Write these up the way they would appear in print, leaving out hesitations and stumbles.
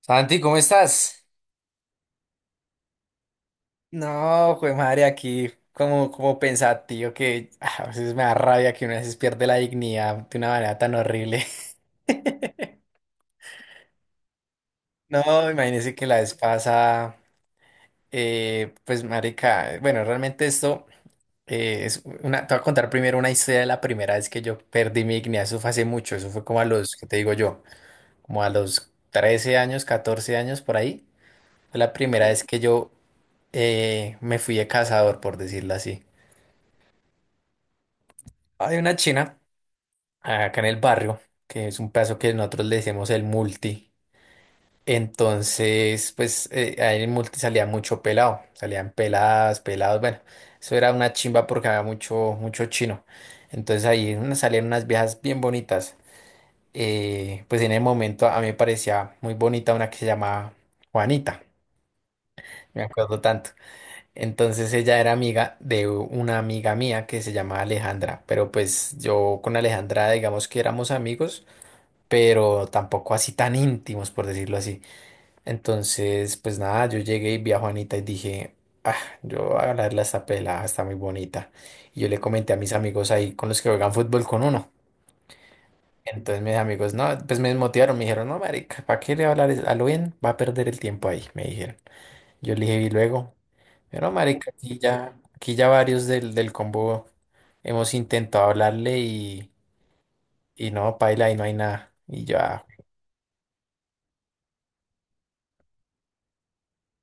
Santi, ¿cómo estás? No, jue madre, aquí como pensativo que a veces me da rabia que una vez pierde la dignidad de una manera tan horrible. No, imagínese que la vez pasa, pues marica, bueno, realmente esto es una, te voy a contar primero una historia de la primera vez que yo perdí mi dignidad, eso fue hace mucho, eso fue como a los, ¿qué te digo yo? Como a los 13 años, 14 años por ahí, fue la primera, sí, vez que yo me fui de cazador, por decirlo así. Hay una china acá en el barrio, que es un pedazo que nosotros le decimos el multi. Entonces, pues ahí en el multi salía mucho pelado, salían peladas, pelados, bueno, eso era una chimba porque había mucho, mucho chino. Entonces ahí salían unas viejas bien bonitas. Pues en el momento a mí me parecía muy bonita una que se llamaba Juanita, me acuerdo tanto. Entonces ella era amiga de una amiga mía que se llamaba Alejandra, pero pues yo con Alejandra digamos que éramos amigos pero tampoco así tan íntimos, por decirlo así. Entonces, pues nada, yo llegué y vi a Juanita y dije, ah, yo voy a hablarle a esta pelada, está muy bonita. Y yo le comenté a mis amigos ahí con los que juegan fútbol con uno. Entonces mis amigos, no, pues me desmotivaron, me dijeron, no, marica, ¿para qué le va a hablar a lo bien? Va a perder el tiempo ahí, me dijeron. Yo le dije, y luego, pero marica, aquí ya varios del combo hemos intentado hablarle y no, paila, ahí no hay nada. Y ya,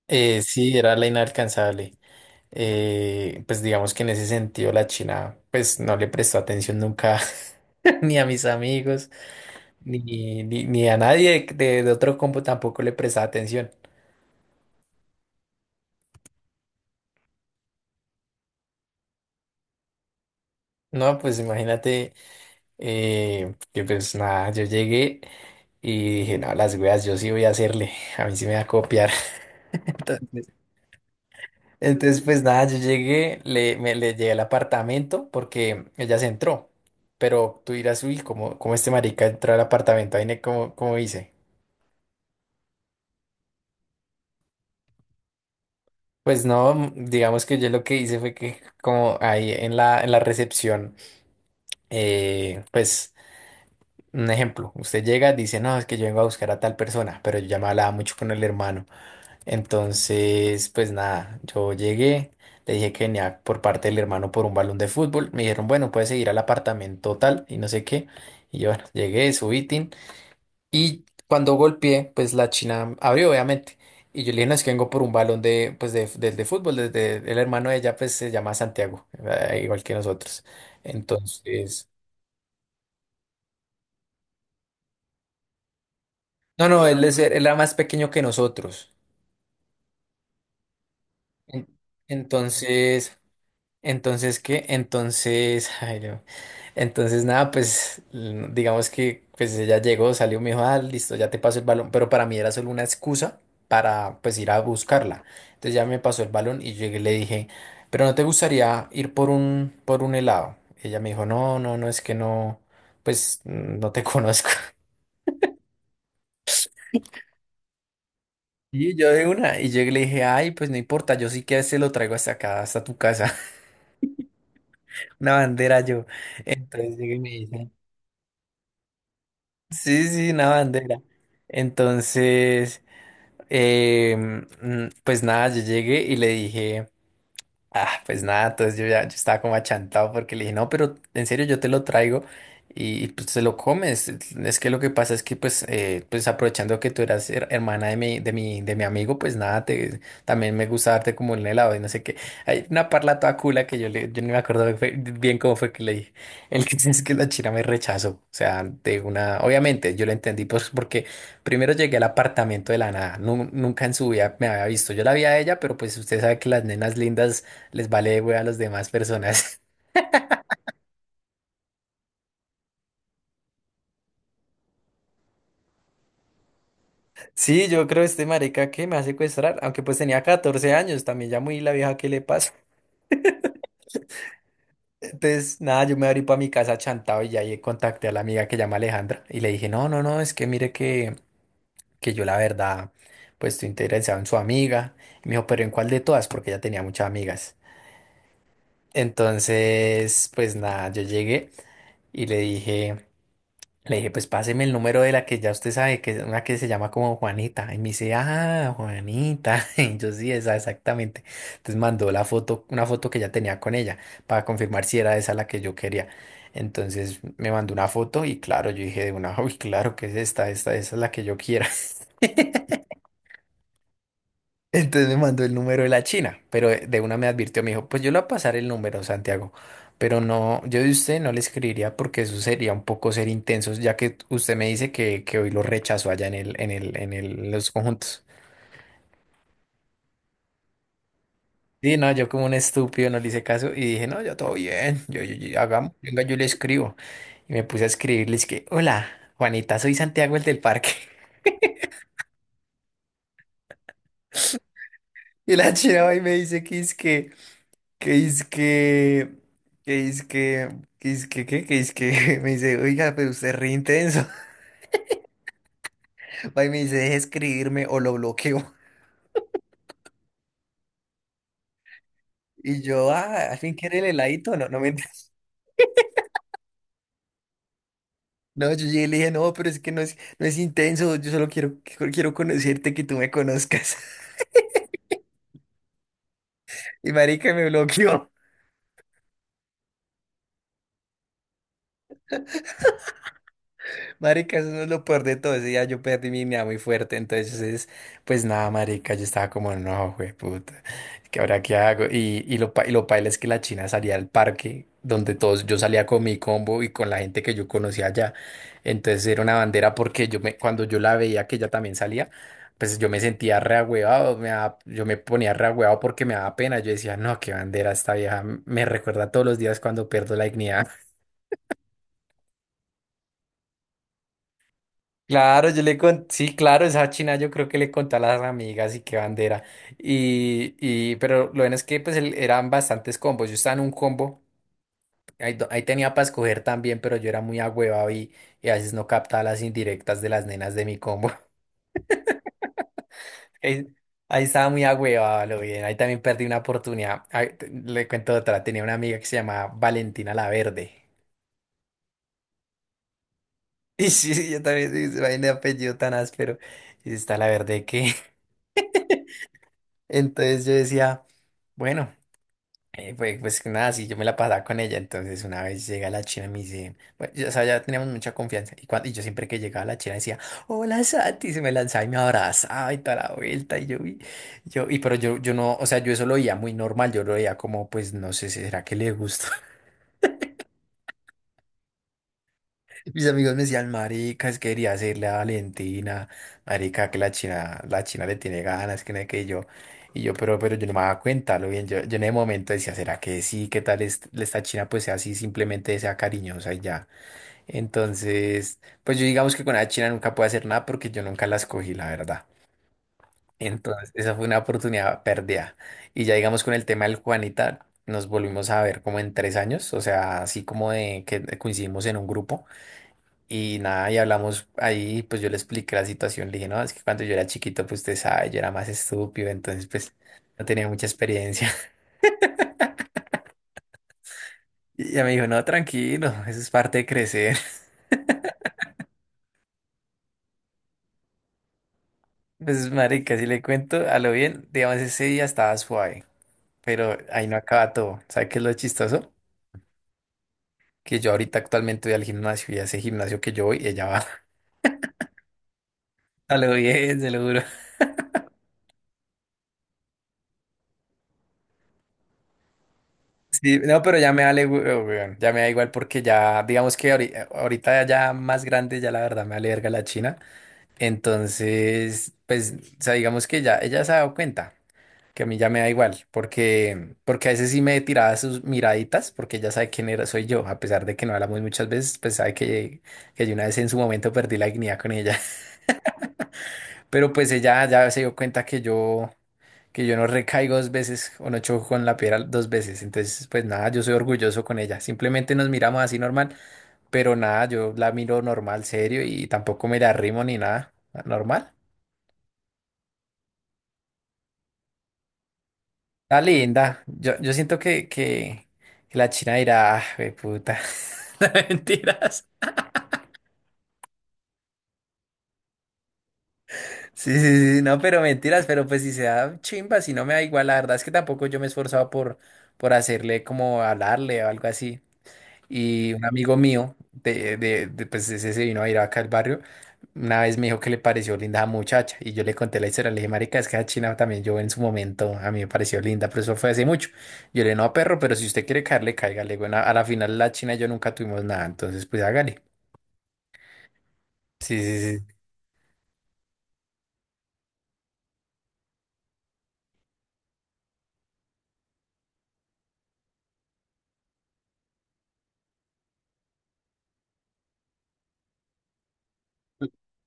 sí, era la inalcanzable. Pues digamos que en ese sentido la China pues no le prestó atención nunca ni a mis amigos ni a nadie de otro combo tampoco le prestaba atención. No, pues imagínate que pues nada, yo llegué y dije, no, las weas yo sí voy a hacerle, a mí sí me va a copiar. Entonces, entonces, pues nada, yo llegué, le llegué al apartamento porque ella se entró, pero tú dirás, uy, como este marica entró al apartamento, ahí como dice. Pues no, digamos que yo lo que hice fue que como ahí en la recepción, pues un ejemplo, usted llega, dice, no, es que yo vengo a buscar a tal persona, pero yo ya me hablaba mucho con el hermano. Entonces, pues nada, yo llegué, le dije que venía por parte del hermano por un balón de fútbol, me dijeron, bueno, puedes seguir al apartamento tal y no sé qué. Y yo, bueno, llegué, subí, tin, y cuando golpeé, pues la china abrió, obviamente. Y yo le dije, no, es que vengo por un balón de, pues de, del de fútbol, desde el hermano de ella, pues se llama Santiago, igual que nosotros. Entonces, no, no, él, él era más pequeño que nosotros. En- Entonces, Entonces, ¿qué? Entonces, Jairo, entonces nada, pues digamos que pues ella llegó, salió, me dijo, ah, listo, ya te paso el balón, pero para mí era solo una excusa para pues ir a buscarla. Entonces ya me pasó el balón y llegué y le dije, pero ¿no te gustaría ir por un helado? Ella me dijo, no, no, no, es que no, pues no te conozco. Y yo de una, y llegué y le dije, ay, pues no importa, yo sí que se lo traigo hasta acá, hasta tu casa, una bandera yo. Entonces llegué y me dice. Sí, sí, una bandera. Entonces, pues nada, yo llegué y le dije. Ah, pues nada, entonces yo ya yo estaba como achantado porque le dije, no, pero en serio yo te lo traigo pues te lo comes. Es que lo que pasa es que pues aprovechando que tú eras hermana de mi amigo, pues nada, también me gusta darte como un helado y no sé qué. Hay una parla toda cula que yo no me acuerdo bien cómo fue que le dije. El que es que la china me rechazó. O sea, de una, obviamente yo lo entendí pues porque primero llegué al apartamento de la nada. Nunca en su vida me había visto. Yo la vi a ella, pero pues usted sabe que las nenas lindas les vale güey a las demás personas. Sí, yo creo este marica que me va a secuestrar, aunque pues tenía 14 años, también ya muy la vieja que le pasa. Entonces, nada, yo me abrí para mi casa chantado y ya ahí contacté a la amiga que llama Alejandra y le dije, no, no, no, es que mire que yo la verdad, pues estoy interesado en su amiga. Y me dijo, pero ¿en cuál de todas? Porque ella tenía muchas amigas. Entonces, pues nada, yo llegué y le dije. Le dije, pues páseme el número de la que ya usted sabe, que es una que se llama como Juanita. Y me dice, ah, Juanita. Y yo sí, esa exactamente. Entonces mandó la foto, una foto que ya tenía con ella, para confirmar si era esa la que yo quería. Entonces me mandó una foto y claro, yo dije de una, uy, claro que es esa es la que yo quiera. Entonces me mandó el número de la China, pero de una me advirtió, me dijo, pues yo le voy a pasar el número, Santiago, pero no, yo de usted no le escribiría porque eso sería un poco ser intensos, ya que usted me dice que hoy lo rechazó allá en los conjuntos. Sí, no, yo como un estúpido no le hice caso y dije, no, yo todo bien, hagamos, venga, yo le escribo. Y me puse a escribirle, es que, hola, Juanita, soy Santiago el del parque. Y la China va y me dice que es que... Que es que, que es que, que es que, ¿qué? Que es que, me dice, oiga, pero usted es re intenso. Va y me dice, deje de escribirme o lo bloqueo. Y yo, ah, al fin quiere el heladito, no, no me entiendes. No, yo llegué y le dije, no, pero es que no es intenso, yo solo quiero conocerte, que tú me conozcas. Y marica me bloqueó. Marica, eso no es lo peor de todo. Ese día yo perdí mi dignidad muy fuerte. Entonces, pues nada, marica, yo estaba como, no, puta, ¿qué ahora qué hago? Y lo paila es que la China salía al parque donde todos, yo salía con mi combo y con la gente que yo conocía allá. Entonces era una bandera porque cuando yo la veía que ella también salía, pues yo me sentía reagüeado, yo me ponía reagüeado porque me daba pena. Yo decía, no, qué bandera esta vieja, me recuerda todos los días cuando pierdo la dignidad. Claro, yo le con, sí, claro, esa china yo creo que le conté a las amigas y qué bandera. Pero lo bueno es que pues eran bastantes combos. Yo estaba en un combo, ahí, ahí tenía para escoger también, pero yo era muy agüevado y a veces no captaba las indirectas de las nenas de mi combo. Ahí, ahí estaba muy agüevado, lo bien. Ahí también perdí una oportunidad. Ahí le cuento otra, tenía una amiga que se llamaba Valentina La Verde. Y sí, sí, yo también, sí, vaina de apellido tan áspero. Y está La Verde que. Entonces yo decía. Bueno. Pues nada, sí, yo me la pasaba con ella, entonces una vez llega la china y me dice, bueno, ya, o sea, ya teníamos mucha confianza, y yo siempre que llegaba la china decía, hola Santi, y se me lanzaba y me abrazaba y toda la vuelta, y yo no, o sea, yo eso lo veía muy normal, yo lo veía como, pues no sé, ¿será que le gusta? Mis amigos me decían, marica, es que quería hacerle a Valentina, marica, que la China le tiene ganas, que no sé qué, pero yo no me daba cuenta, lo bien, yo en el momento decía, ¿será que sí? ¿Qué tal esta China? Pues sea así, simplemente sea cariñosa y ya. Entonces, pues yo digamos que con la China nunca puedo hacer nada porque yo nunca la escogí, la verdad. Entonces, esa fue una oportunidad perdida. Y ya digamos con el tema del Juanita, nos volvimos a ver como en 3 años, o sea, así como de que coincidimos en un grupo. Y nada, y hablamos ahí, pues yo le expliqué la situación, le dije, no, es que cuando yo era chiquito, pues usted sabe, yo era más estúpido, entonces pues no tenía mucha experiencia. Y ella me dijo, no, tranquilo, eso es parte de crecer. Pues marica, si le cuento a lo bien, digamos, ese día estaba suave, pero ahí no acaba todo. ¿Sabe qué es lo chistoso? Que yo ahorita actualmente voy al gimnasio y a ese gimnasio que yo voy, ella va. A lo bien, se lo juro. Sí, no, pero ya me vale, weón, ya me da igual porque ya, digamos que ahorita ya más grande, ya la verdad me vale verga la China. Entonces, pues, o sea, digamos que ya ella se ha dado cuenta que a mí ya me da igual, porque a veces sí me tiraba sus miraditas, porque ella sabe quién era, soy yo, a pesar de que no hablamos muchas veces, pues sabe que yo una vez en su momento perdí la dignidad con ella, pero pues ella ya se dio cuenta que yo no recaigo dos veces o no choco con la piedra dos veces, entonces, pues nada, yo soy orgulloso con ella, simplemente nos miramos así normal, pero nada, yo la miro normal, serio, y tampoco me la arrimo ni nada, normal. Está linda. Yo siento que la China dirá, ah, güey, puta. No, Mentiras. Sí, sí, sí, no, pero mentiras, pero pues si se da chimba, si no me da igual, la verdad es que tampoco yo me he esforzado por hacerle como hablarle o algo así. Y un amigo mío, pues ese se vino a ir acá al barrio, una vez me dijo que le pareció linda a muchacha. Y yo le conté la historia, le dije, marica, es que a China también yo en su momento, a mí me pareció linda, pero eso fue hace mucho. Yo le dije, no, perro, pero si usted quiere caerle, cáigale. Bueno, a la final la China y yo nunca tuvimos nada, entonces pues hágale. Sí, sí, sí.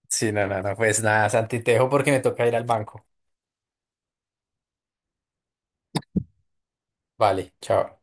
Sí, no, no, no, pues nada, Santi, te dejo porque me toca ir al banco. Vale, chao.